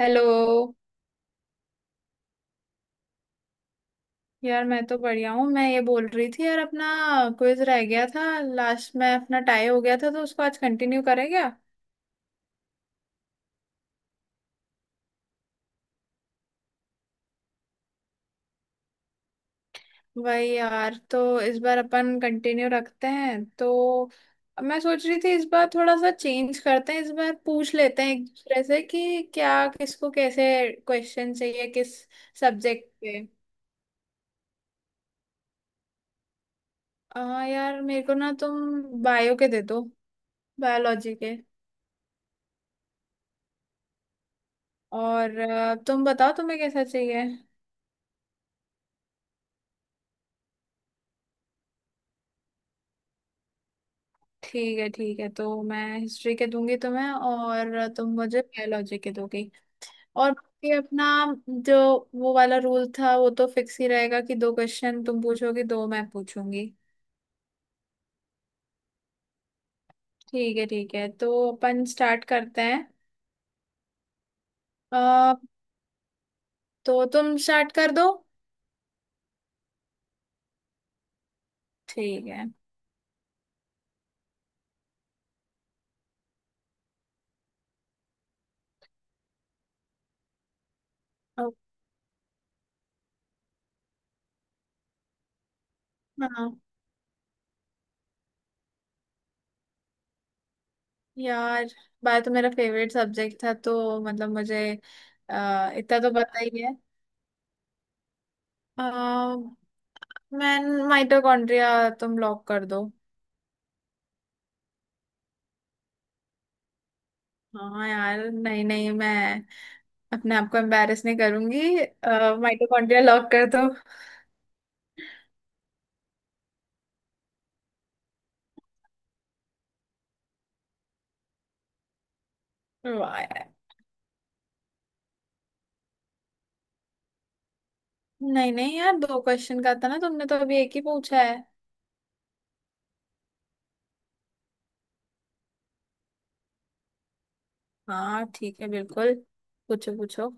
Hello. यार मैं तो बढ़िया हूँ। मैं ये बोल रही थी यार, अपना क्विज रह गया था लास्ट में, अपना टाई हो गया था, तो उसको आज कंटिन्यू करें क्या? वही यार, तो इस बार अपन कंटिन्यू रखते हैं। तो मैं सोच रही थी इस बार थोड़ा सा चेंज करते हैं, इस बार पूछ लेते हैं एक दूसरे से कि क्या, किसको कैसे क्वेश्चन चाहिए, किस सब्जेक्ट पे। हाँ यार, मेरे को ना तुम बायो के दे दो, बायोलॉजी के। और तुम बताओ तुम्हें कैसा चाहिए। ठीक है ठीक है, तो मैं हिस्ट्री के दूंगी तुम्हें और तुम मुझे बायोलॉजी के दोगी। और बाकी अपना जो वो वाला रूल था वो तो फिक्स ही रहेगा कि दो क्वेश्चन तुम पूछोगी, दो मैं पूछूंगी। ठीक है ठीक है, तो अपन स्टार्ट करते हैं। अ, तो तुम स्टार्ट कर दो। ठीक है। ओ, हाँ यार, बायो तो मेरा फेवरेट सब्जेक्ट था, तो मतलब मुझे इतना तो पता ही है। अ, मैं माइटोकॉन्ड्रिया, तुम लॉक कर दो। हाँ यार, नहीं नहीं, मैं अपने आप को एम्बेरस नहीं करूंगी। माइटोकॉन्ड्रिया लॉक कर दो। वाह यार। नहीं नहीं यार, दो क्वेश्चन का था ना, तुमने तो अभी एक ही पूछा है। हाँ ठीक है बिल्कुल, पूछो पूछो।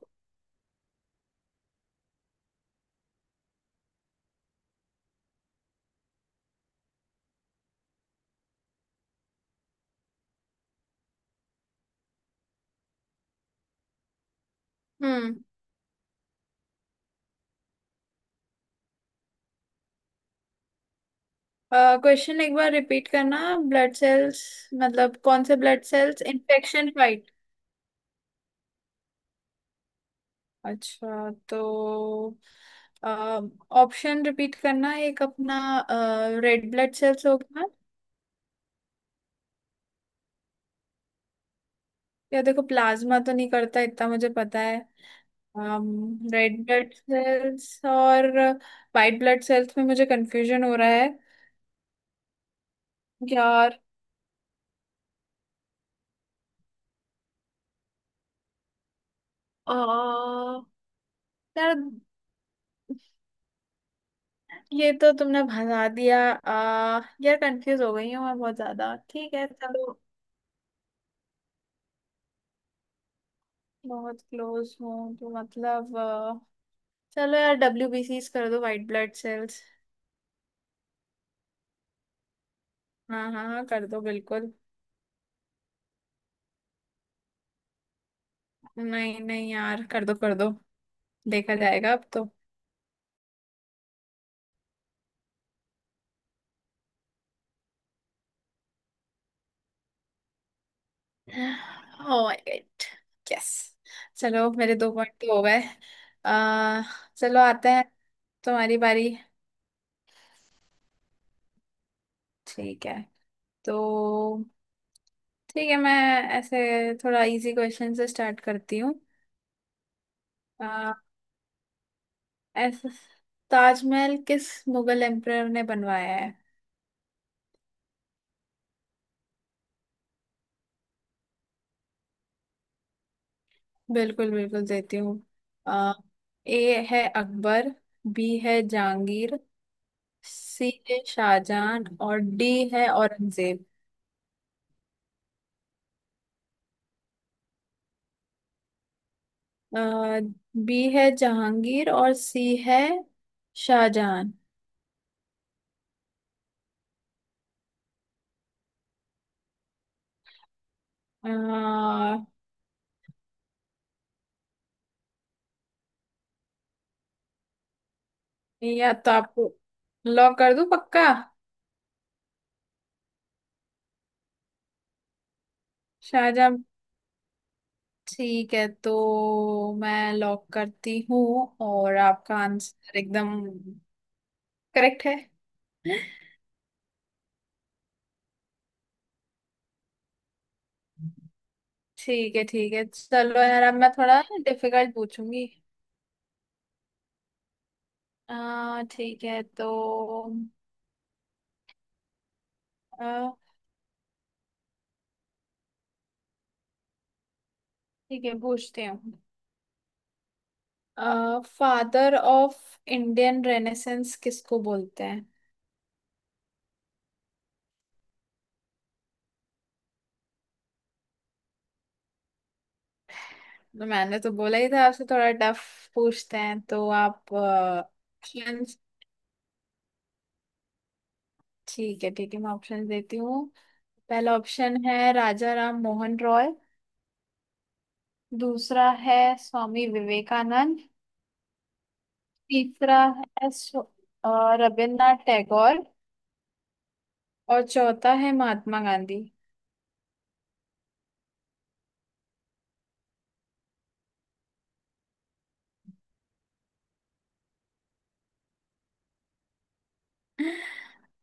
हम्म। क्वेश्चन एक बार रिपीट करना। ब्लड सेल्स, मतलब कौन से ब्लड सेल्स इन्फेक्शन फाइट। अच्छा तो ऑप्शन रिपीट करना एक, अपना रेड ब्लड सेल्स होगा या, देखो प्लाज्मा तो नहीं करता इतना मुझे पता है। रेड ब्लड सेल्स और वाइट ब्लड सेल्स में मुझे कंफ्यूजन हो रहा है। यार आ, यार ये तो तुमने भगा दिया, यार कंफ्यूज हो गई हूँ मैं बहुत ज्यादा। ठीक है चलो, बहुत क्लोज हूँ तो मतलब चलो यार, WBCs कर दो, वाइट ब्लड सेल्स। हाँ हाँ हाँ कर दो बिल्कुल। नहीं नहीं यार कर दो कर दो, देखा जाएगा अब तो। ओह माय गॉड। यस। चलो मेरे दो पॉइंट तो हो गए। आ, चलो आते हैं, तुम्हारी बारी। ठीक है, तो ठीक है, मैं ऐसे थोड़ा इजी क्वेश्चन से स्टार्ट करती हूँ। आ, ऐसे ताजमहल किस मुगल एम्परर ने बनवाया है? बिल्कुल बिल्कुल देती हूँ। आ, ए है अकबर, बी है जहांगीर, सी है शाहजहां, और डी है औरंगजेब। आ, बी है जहांगीर और सी है शाहजहां। आ, या तो आपको लॉक कर दूं पक्का? शाहजहां। ठीक है तो मैं लॉक करती हूँ, और आपका आंसर एकदम करेक्ट है। ठीक है ठीक है चलो यार, अब मैं थोड़ा डिफिकल्ट पूछूंगी। ठीक है तो आ, ठीक है पूछती हूँ। फादर ऑफ इंडियन रेनेसेंस किसको बोलते हैं? तो मैंने तो बोला ही था आपसे थोड़ा टफ पूछते हैं, तो आप ऑप्शन। ठीक है ठीक है, मैं ऑप्शन देती हूँ। पहला ऑप्शन है राजा राम मोहन रॉय। दूसरा है स्वामी विवेकानंद। तीसरा है रविन्द्रनाथ टैगोर। और चौथा है महात्मा गांधी।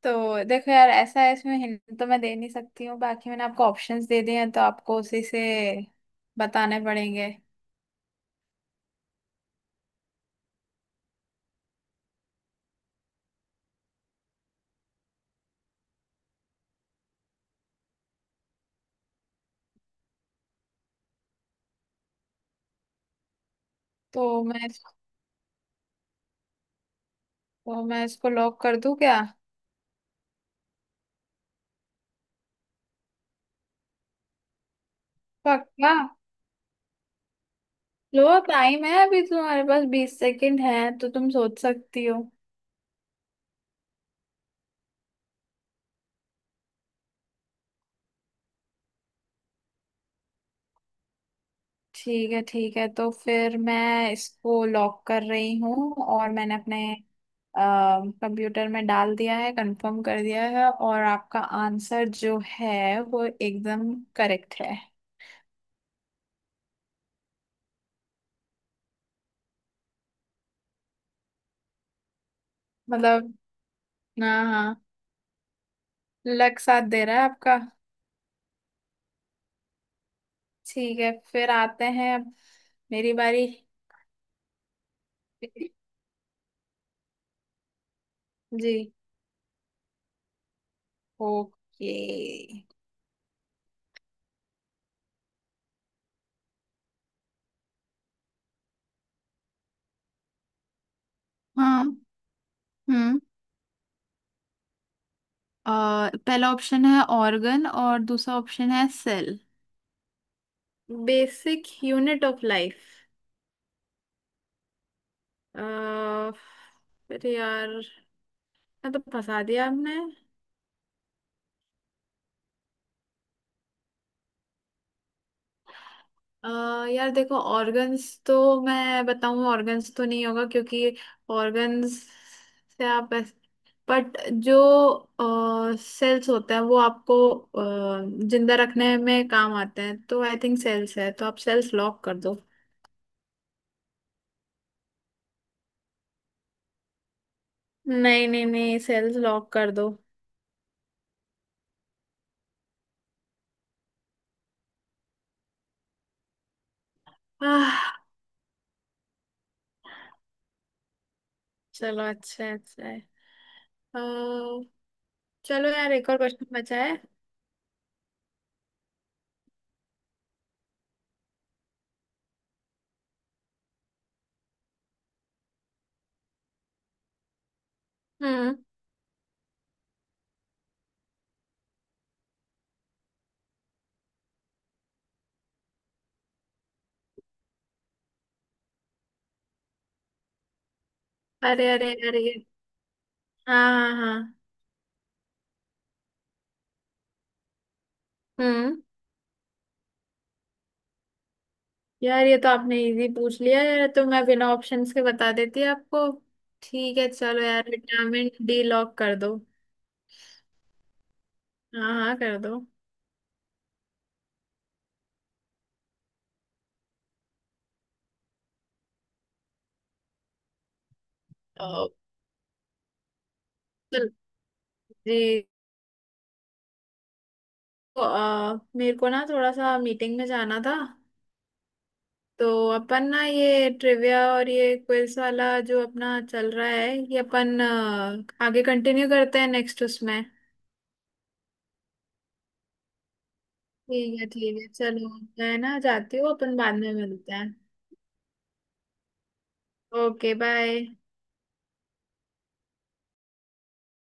तो देखो यार, ऐसा है इसमें हिंट तो मैं दे नहीं सकती हूँ, बाकी मैंने आपको ऑप्शंस दे दिए हैं, तो आपको उसी से बताने पड़ेंगे। तो मैं तो मैं इसको लॉक कर दूं क्या? पक्का? लो टाइम है अभी, तुम्हारे पास 20 सेकंड है, तो तुम सोच सकती हो। ठीक है ठीक है, तो फिर मैं इसको लॉक कर रही हूँ और मैंने अपने कंप्यूटर में डाल दिया है, कंफर्म कर दिया है, और आपका आंसर जो है वो एकदम करेक्ट है। मतलब हाँ हाँ, लक साथ दे रहा है आपका। ठीक है फिर आते हैं अब, मेरी बारी। जी, ओके। हाँ। हम्म। पहला ऑप्शन है ऑर्गन और दूसरा ऑप्शन है cell. Basic unit of life. अरे यार, मैं तो फंसा दिया आपने। अ यार देखो ऑर्गन्स तो, मैं बताऊं ऑर्गन्स तो नहीं होगा क्योंकि ऑर्गन्स से आप, बट जो सेल्स होते हैं वो आपको जिंदा रखने में काम आते हैं, तो आई थिंक सेल्स है, तो आप सेल्स लॉक कर दो। नहीं नहीं नहीं, सेल्स लॉक कर दो। आह। चलो अच्छा है, अच्छा है। अ, चलो यार एक और क्वेश्चन बचा है। हम्म। अरे अरे अरे। हाँ हाँ हाँ। हम्म। यार ये तो आपने इजी पूछ लिया यार, तो मैं बिना ऑप्शंस के बता देती आपको। ठीक है चलो यार, विटामिन डी लॉक कर दो। हाँ हाँ कर दो। अ, चल जी। तो, मेरे को ना थोड़ा सा मीटिंग में जाना था, तो अपन ना ये ट्रिविया और ये क्विज वाला जो अपना चल रहा है, ये अपन आगे कंटिन्यू करते हैं नेक्स्ट उसमें। ठीक है चलो, मैं ना जाती हूँ, अपन बाद में मिलते हैं। Okay bye.